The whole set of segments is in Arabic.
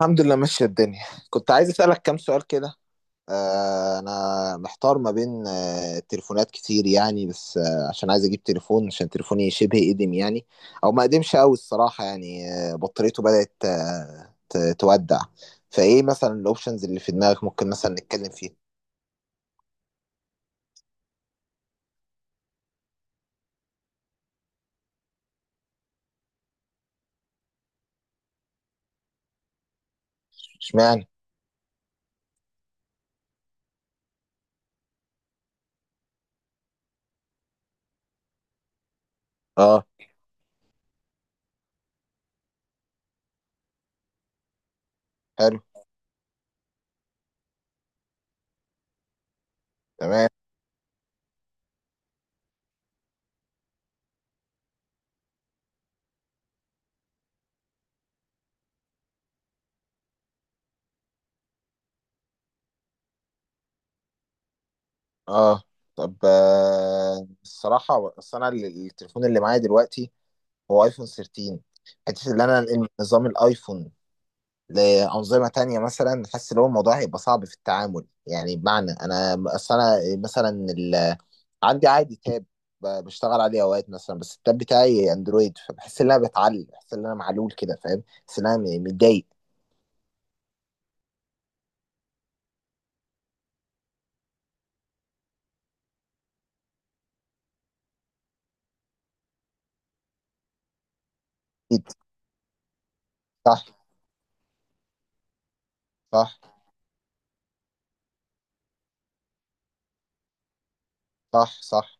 الحمد لله، ماشية الدنيا. كنت عايز أسألك كام سؤال كده. أنا محتار ما بين تليفونات كتير يعني، بس عشان عايز أجيب تليفون، عشان تليفوني شبه قديم يعني. أو ما قديمش أوي الصراحة، يعني بطاريته بدأت تودع. فإيه مثلا الأوبشنز اللي في دماغك ممكن مثلا نتكلم فيها؟ اشمعنى؟ أه. حلو. تمام. أه طب، الصراحة، التليفون اللي معايا دلوقتي هو أيفون 13. حته ان انا انقل من نظام الايفون لأنظمة تانية مثلا، حاسس إن هو الموضوع هيبقى صعب في التعامل، يعني بمعنى أنا أصل أنا مثلا ال... عندي عادي تاب، بشتغل عليه أوقات مثلا، بس التاب بتاعي أندرويد، فبحس إن أنا بتعلق، بحس إن أنا معلول كده، فاهم، بحس إن أنا متضايق. أكيد. صح. صح. صح، صح.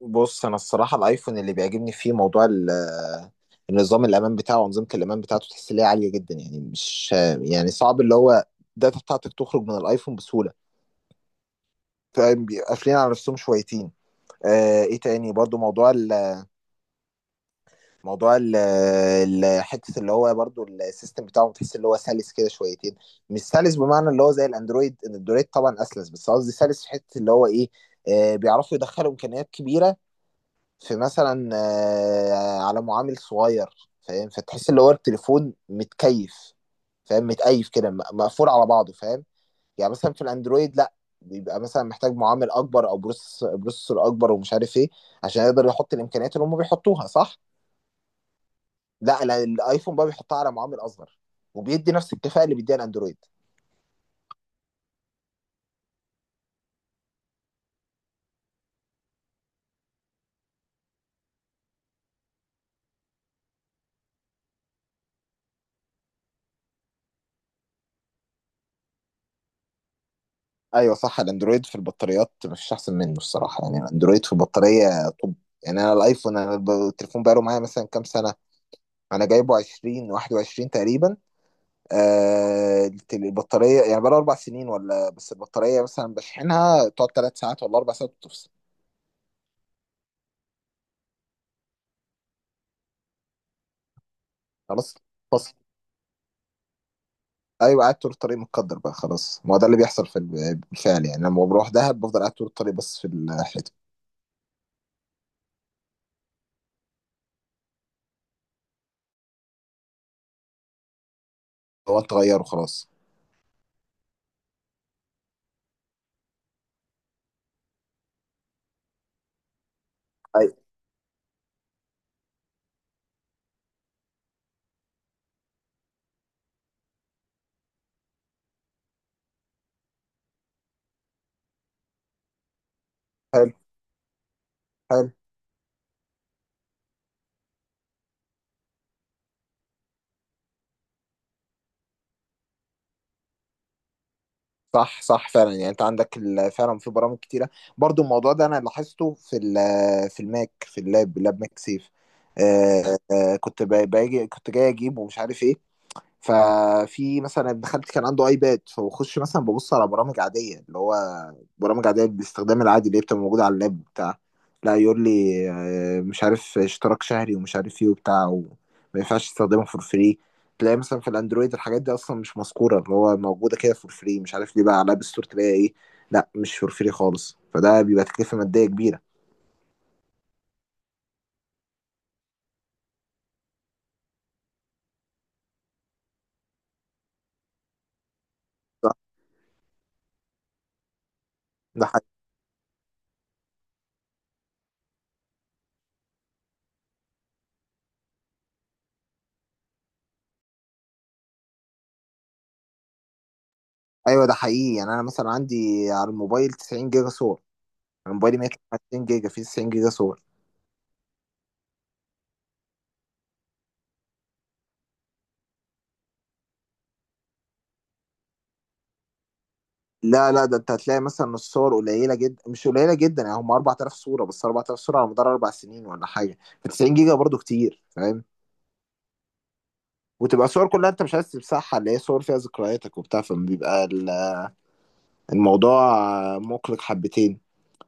بص، أنا الصراحة الأيفون اللي بيعجبني فيه موضوع النظام الأمان بتاعه وأنظمة الأمان بتاعته، تحس إن هي عالية جدا، يعني مش، يعني صعب اللي هو الداتا بتاعتك تخرج من الأيفون بسهولة، فاهم، بيبقى قافلين على نفسهم شويتين. ايه تاني برضو موضوع حته اللي هو برضو السيستم بتاعه، تحس اللي هو سلس كده شويتين. مش سلس بمعنى اللي هو زي الاندرويد، الاندرويد طبعا اسلس، بس قصدي سلس في حته اللي هو ايه، بيعرفوا يدخلوا امكانيات كبيره في مثلا، على معامل صغير، فاهم، فتحس اللي هو التليفون متكيف، فاهم، متقيف كده، مقفول على بعضه، فاهم. يعني مثلا في الاندرويد لا، بيبقى مثلا محتاج معامل اكبر او بروسيسور اكبر ومش عارف ايه، عشان يقدر يحط الامكانيات اللي هم بيحطوها. صح. لا، لا، الايفون بقى بيحطها على معامل اصغر، وبيدي نفس الكفاءه اللي بيديها الاندرويد. ايوه، صح، الاندرويد في البطاريات مفيش احسن منه الصراحه يعني، الاندرويد في البطاريه. طب، يعني انا الايفون التليفون بقاله معايا مثلا كام سنه، انا جايبه 20 21 تقريبا. البطاريه يعني بقاله اربع سنين ولا، بس البطاريه مثلا بشحنها تقعد ثلاث ساعات ولا اربع ساعات وتفصل. خلاص، فصل. ايوه، قاعد طول الطريق، متقدر بقى، خلاص، ما هو ده اللي بيحصل بالفعل يعني، لما بروح دهب بفضل قاعد طول الطريق، بس في الحته هو انت غيره خلاص. ايوه. حلو. حلو. صح، صح، فعلا يعني انت عندك فعلا في برامج كتيره، برضو الموضوع ده انا لاحظته في الماك، في اللاب، لاب ماك سيف. كنت ب- باجي كنت جاي اجيب ومش عارف ايه. ففي مثلا ابن خالتي كان عنده ايباد، فبخش مثلا ببص على برامج عاديه، اللي هو برامج عاديه بالاستخدام العادي، اللي هي بتبقى موجوده على اللاب بتاع، لا يقول لي مش عارف اشتراك شهري ومش عارف ايه وبتاع، وما ينفعش تستخدمه فور فري، تلاقي مثلا في الاندرويد الحاجات دي اصلا مش مذكوره، اللي هو موجوده كده فور فري، مش عارف ليه بقى، على الاب ستور تلاقي ايه، لا مش فور فري خالص، فده بيبقى تكلفه ماديه كبيره. صح. ده حقيقي. ايوه، ده حقيقي يعني، انا مثلا عندي على الموبايل 90 جيجا صور. أنا موبايلي 130 جيجا، فيه 90 جيجا صور. لا لا، ده انت هتلاقي مثلا الصور قليله جدا، مش قليله جدا يعني، هم 4000 صوره، بس 4000 صوره على مدار اربع سنين ولا حاجه، ف 90 جيجا برضو كتير، فاهم، وتبقى صور كلها انت مش عايز تمسحها، اللي هي صور فيها ذكرياتك وبتاع، فبيبقى الموضوع مقلق حبتين.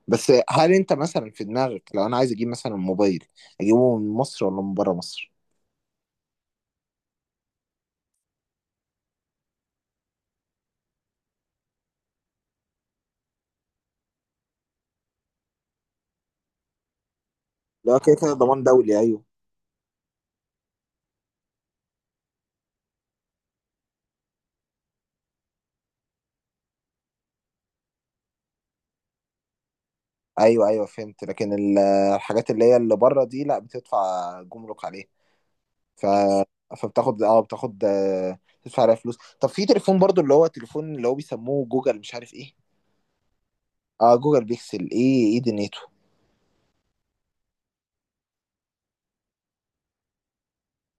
بس هل انت مثلا في دماغك، لو انا عايز اجيب مثلا موبايل، اجيبه من مصر ولا من بره مصر؟ لا، كده كده ضمان دولي، ايوه. ايوه، ايوه فهمت، لكن الحاجات اللي هي اللي بره دي لا، بتدفع جمرك عليها، ف، فبتاخد، اه بتاخد آه، تدفع عليها فلوس. طب في تليفون برضو اللي هو تليفون اللي هو بيسموه جوجل مش عارف ايه. اه، جوجل بيكسل، ايه ايه دنيته؟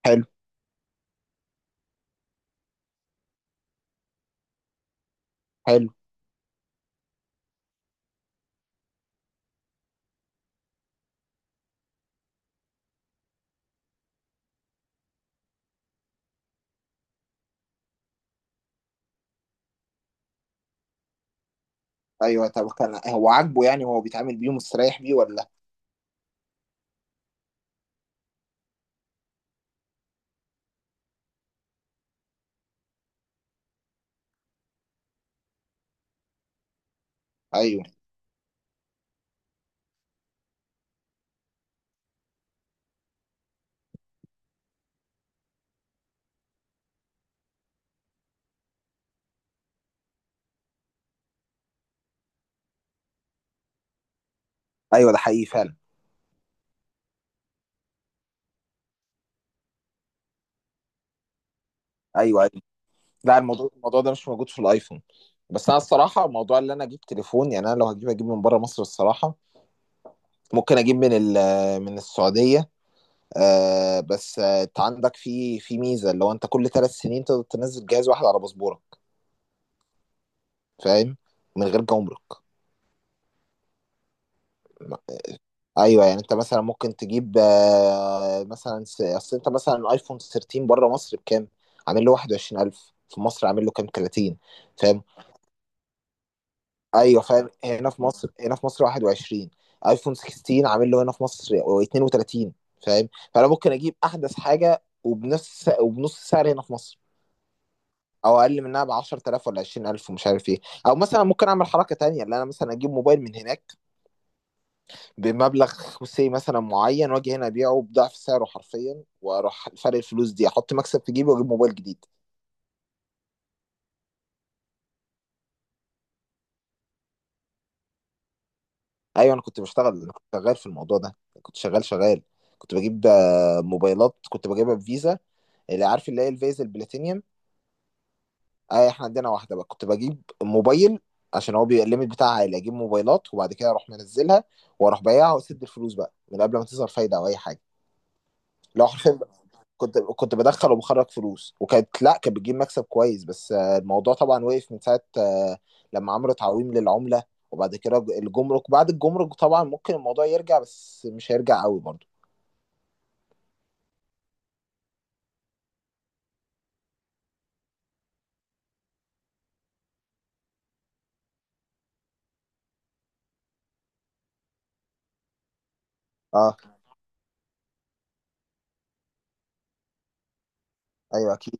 حلو. حلو. ايوه، طب كان هو عاجبه يعني، هو بيتعامل بيه ومستريح بيه ولا؟ ايوه، ايوه، ده حقيقي فعلا. ايوه، ايوه. لا، الموضوع ده مش موجود في الايفون. بس انا الصراحه، موضوع اللي انا اجيب تليفون، يعني انا لو هجيب اجيب من بره مصر الصراحه، ممكن اجيب من السعوديه. آه، بس انت عندك في ميزه، اللي هو انت كل ثلاث سنين تقدر تنزل جهاز واحد على باسبورك، فاهم، من غير جمرك. ايوه، يعني انت مثلا ممكن تجيب، اصل انت مثلا ايفون 13 بره مصر بكام؟ عامل له 21,000، في مصر عامل له كام، 30؟ فاهم. ايوه، فاهم، هنا في مصر، 21. ايفون 16 عامل له هنا في مصر 32. فاهم، فانا ممكن اجيب احدث حاجه وبنفس السعر هنا في مصر، او اقل منها ب 10,000 ولا 20,000 ومش عارف ايه. او مثلا ممكن اعمل حركه تانية، اللي انا مثلا اجيب موبايل من هناك بمبلغ مثلا معين، واجي هنا ابيعه بضعف سعره حرفيا، واروح فرق الفلوس دي احط مكسب في جيبي، واجيب موبايل جديد. ايوه، انا كنت شغال في الموضوع ده، كنت شغال شغال، كنت بجيب موبايلات، كنت بجيبها بفيزا، اللي عارف اللي هي الفيزا البلاتينيوم. اه، احنا عندنا واحده بقى، كنت بجيب موبايل عشان هو بيبقى الليميت بتاعها عالي، اجيب موبايلات وبعد كده اروح منزلها، واروح بايعها واسد الفلوس بقى من قبل ما تظهر فايده او اي حاجه. لو حرفيا كنت بدخل وبخرج فلوس، وكانت لا كانت بتجيب مكسب كويس، بس الموضوع طبعا وقف من ساعه، لما عملوا تعويم للعمله، وبعد كده الجمرك، بعد الجمرك طبعا ممكن الموضوع يرجع، بس مش هيرجع قوي برضه. اه. ايوه اكيد.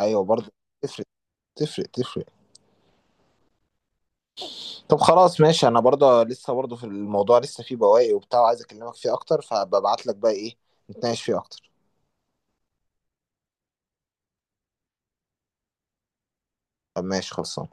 ايوه برضه، تفرق، تفرق تفرق. طب خلاص ماشي، انا برضه لسه برضه في الموضوع، لسه فيه بواقي وبتاع، وعايز اكلمك فيه اكتر، فببعت لك بقى ايه نتناقش فيه اكتر. طب ماشي، خلصان.